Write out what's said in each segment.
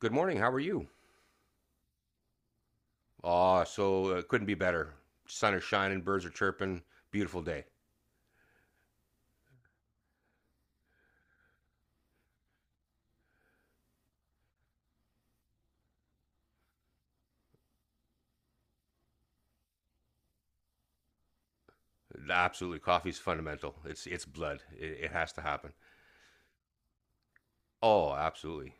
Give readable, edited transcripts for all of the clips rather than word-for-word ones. Good morning. How are you? Ah, so it Couldn't be better. Sun is shining, birds are chirping. Beautiful day. Absolutely, coffee's fundamental. It's blood. It has to happen. Oh, absolutely.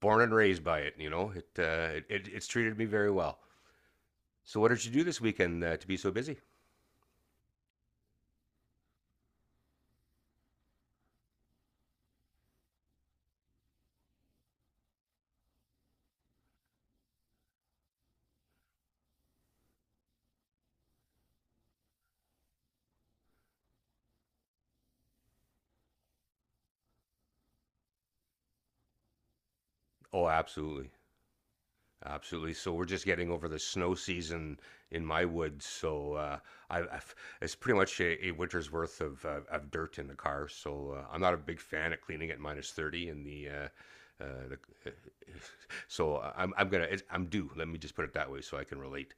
Born and raised by it. It's treated me very well. So, what did you do this weekend to be so busy? Oh, absolutely. Absolutely. So we're just getting over the snow season in my woods. So I, I've, it's pretty much a winter's worth of dirt in the car. So I'm not a big fan of cleaning at minus 30 in uh, the. I'm due. Let me just put it that way, so I can relate.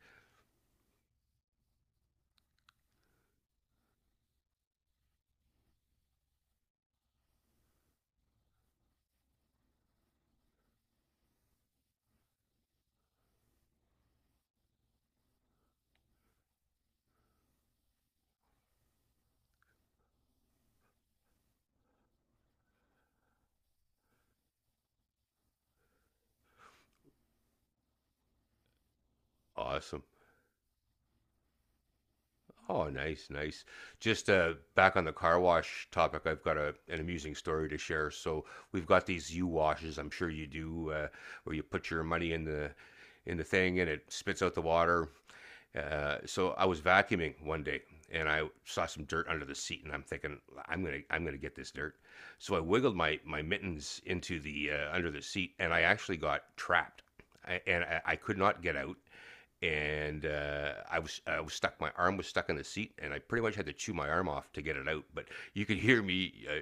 Awesome. Oh, nice, nice. Just back on the car wash topic, I've got an amusing story to share. So we've got these U washes. I'm sure you do, where you put your money in the thing, and it spits out the water. So I was vacuuming one day and I saw some dirt under the seat, and I'm thinking, I'm gonna get this dirt. So I wiggled my mittens into the under the seat, and I actually got trapped. I could not get out, and I was stuck. My arm was stuck in the seat, and I pretty much had to chew my arm off to get it out. But you could hear me.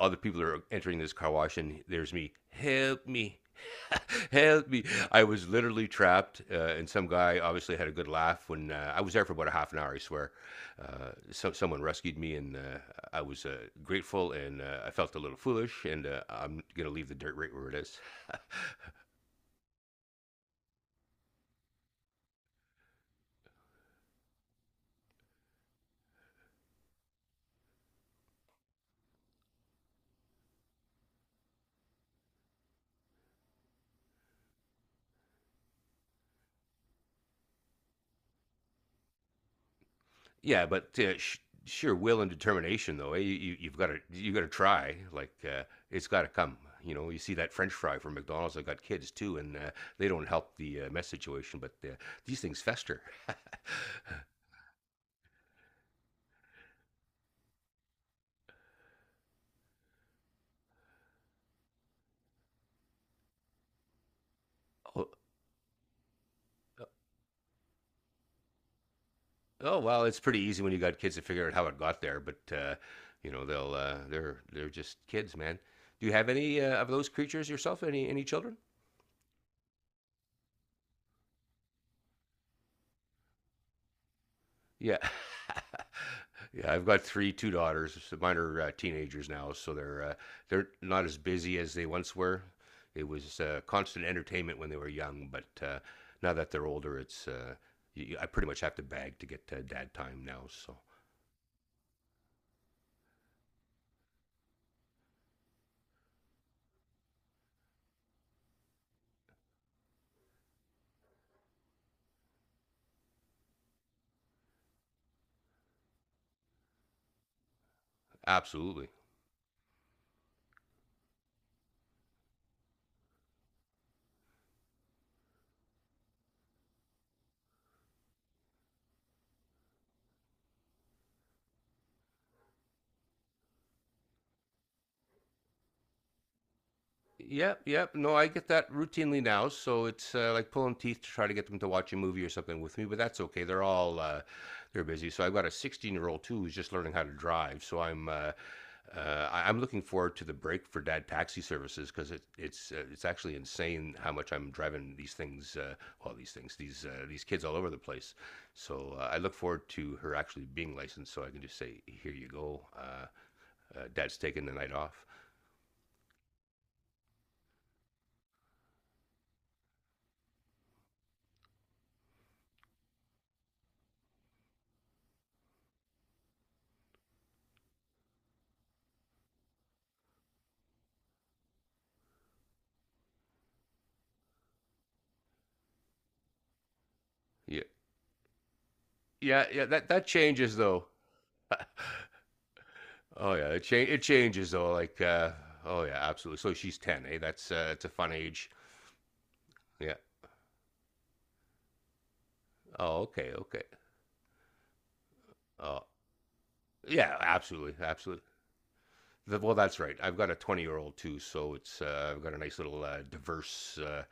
Other people are entering this car wash, and there's me. Help me. Help me! I was literally trapped, and some guy obviously had a good laugh when I was there for about a half an hour. I swear, someone rescued me, and I was grateful, and I felt a little foolish. And I'm gonna leave the dirt right where it is. Yeah, but sheer will and determination, though. Eh? You've got to you got to try. Like it's got to come. You know, you see that French fry from McDonald's. I got kids too, and they don't help the mess situation. But these things fester. oh, oh well, it's pretty easy when you got kids to figure out how it got there. But you know, they're just kids, man. Do you have any of those creatures yourself? Any children? Yeah. Yeah, I've got three, two daughters. So mine are teenagers now, so they're not as busy as they once were. It was constant entertainment when they were young, but now that they're older, it's y y I pretty much have to beg to get dad time now. So absolutely. Yep, yep. No, I get that routinely now, so it's like pulling teeth to try to get them to watch a movie or something with me, but that's okay. They're all they're busy. So I've got a 16-year-old too who's just learning how to drive. So I'm looking forward to the break for dad taxi services because it's actually insane how much I'm driving these things, well, these kids all over the place. So I look forward to her actually being licensed, so I can just say, "Here you go, Dad's taking the night off." Yeah. Yeah, yeah, that that changes though. Oh yeah, it changes though. Like, oh yeah, absolutely. So she's ten, eh? That's it's a fun age. Yeah. Oh, okay, okay. Oh, yeah, absolutely, absolutely. Well, that's right. I've got a 20-year-old too, so it's I've got a nice little diverse,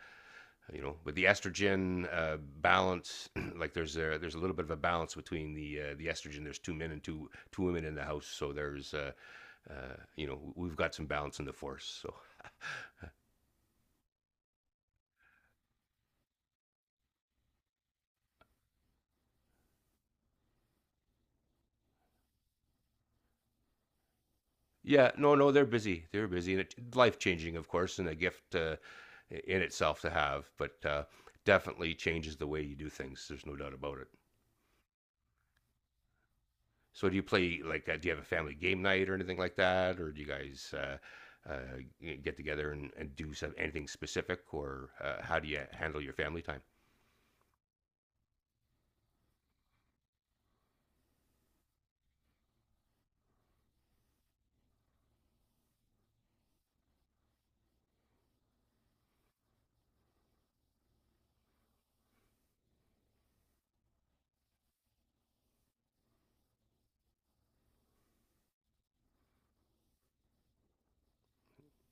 you know, with the estrogen balance. Like, there's a little bit of a balance between the estrogen. There's two men and two women in the house, so there's. You know, we've got some balance in the force. So yeah, no, no, they're busy. They're busy, and it life changing, of course, and a gift in itself to have. But definitely changes the way you do things. There's no doubt about it. So, do you play like? Do you have a family game night or anything like that, or do you guys uh, get together and do some, anything specific, or how do you handle your family time?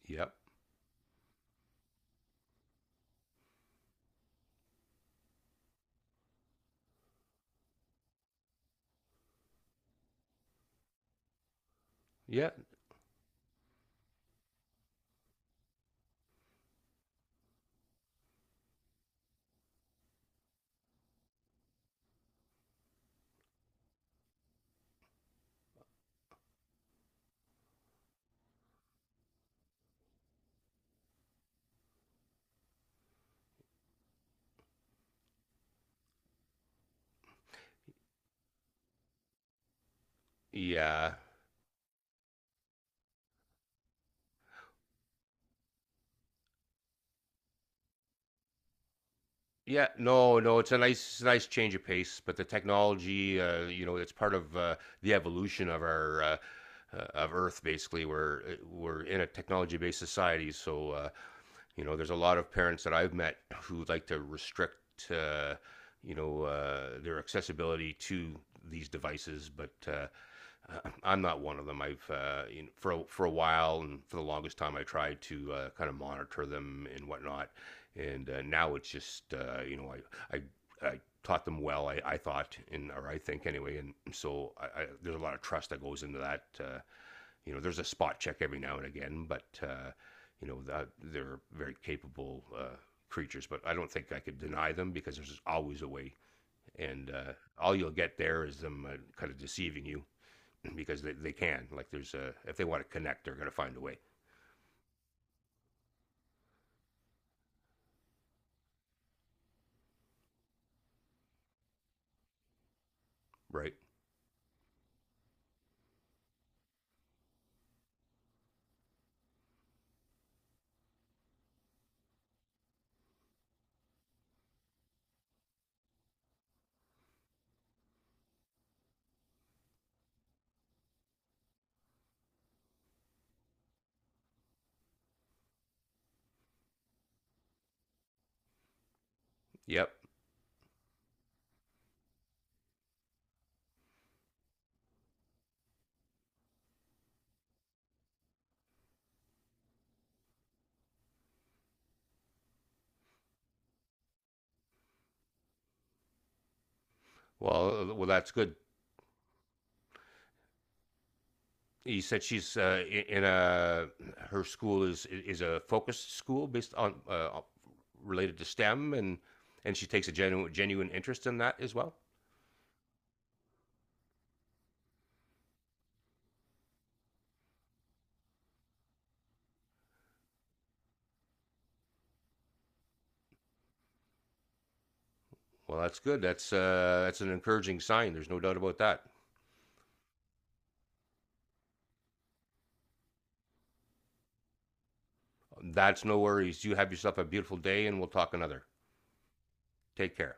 Yep. Yeah. Yeah. Yeah, no, no, it's a nice, nice change of pace. But the technology, you know, it's part of the evolution of our of Earth. Basically, we're in a technology-based society, so you know, there's a lot of parents that I've met who like to restrict, you know, their accessibility to these devices, but I'm not one of them. I've You know, for a while and for the longest time I tried to kind of monitor them and whatnot, and now it's just you know, I taught them well. I thought and or I think anyway, and so there's a lot of trust that goes into that. You know, there's a spot check every now and again, but you know, they're very capable creatures. But I don't think I could deny them because there's always a way, and all you'll get there is them kind of deceiving you because they can. Like there's a if they want to connect, they're gonna find a way. Right. Yep. Well, well, that's good. He said she's in a her school is a focused school based on related to STEM, and she takes a genuine interest in that as well. Well, that's good. That's an encouraging sign. There's no doubt about that. That's no worries. You have yourself a beautiful day, and we'll talk another. Take care.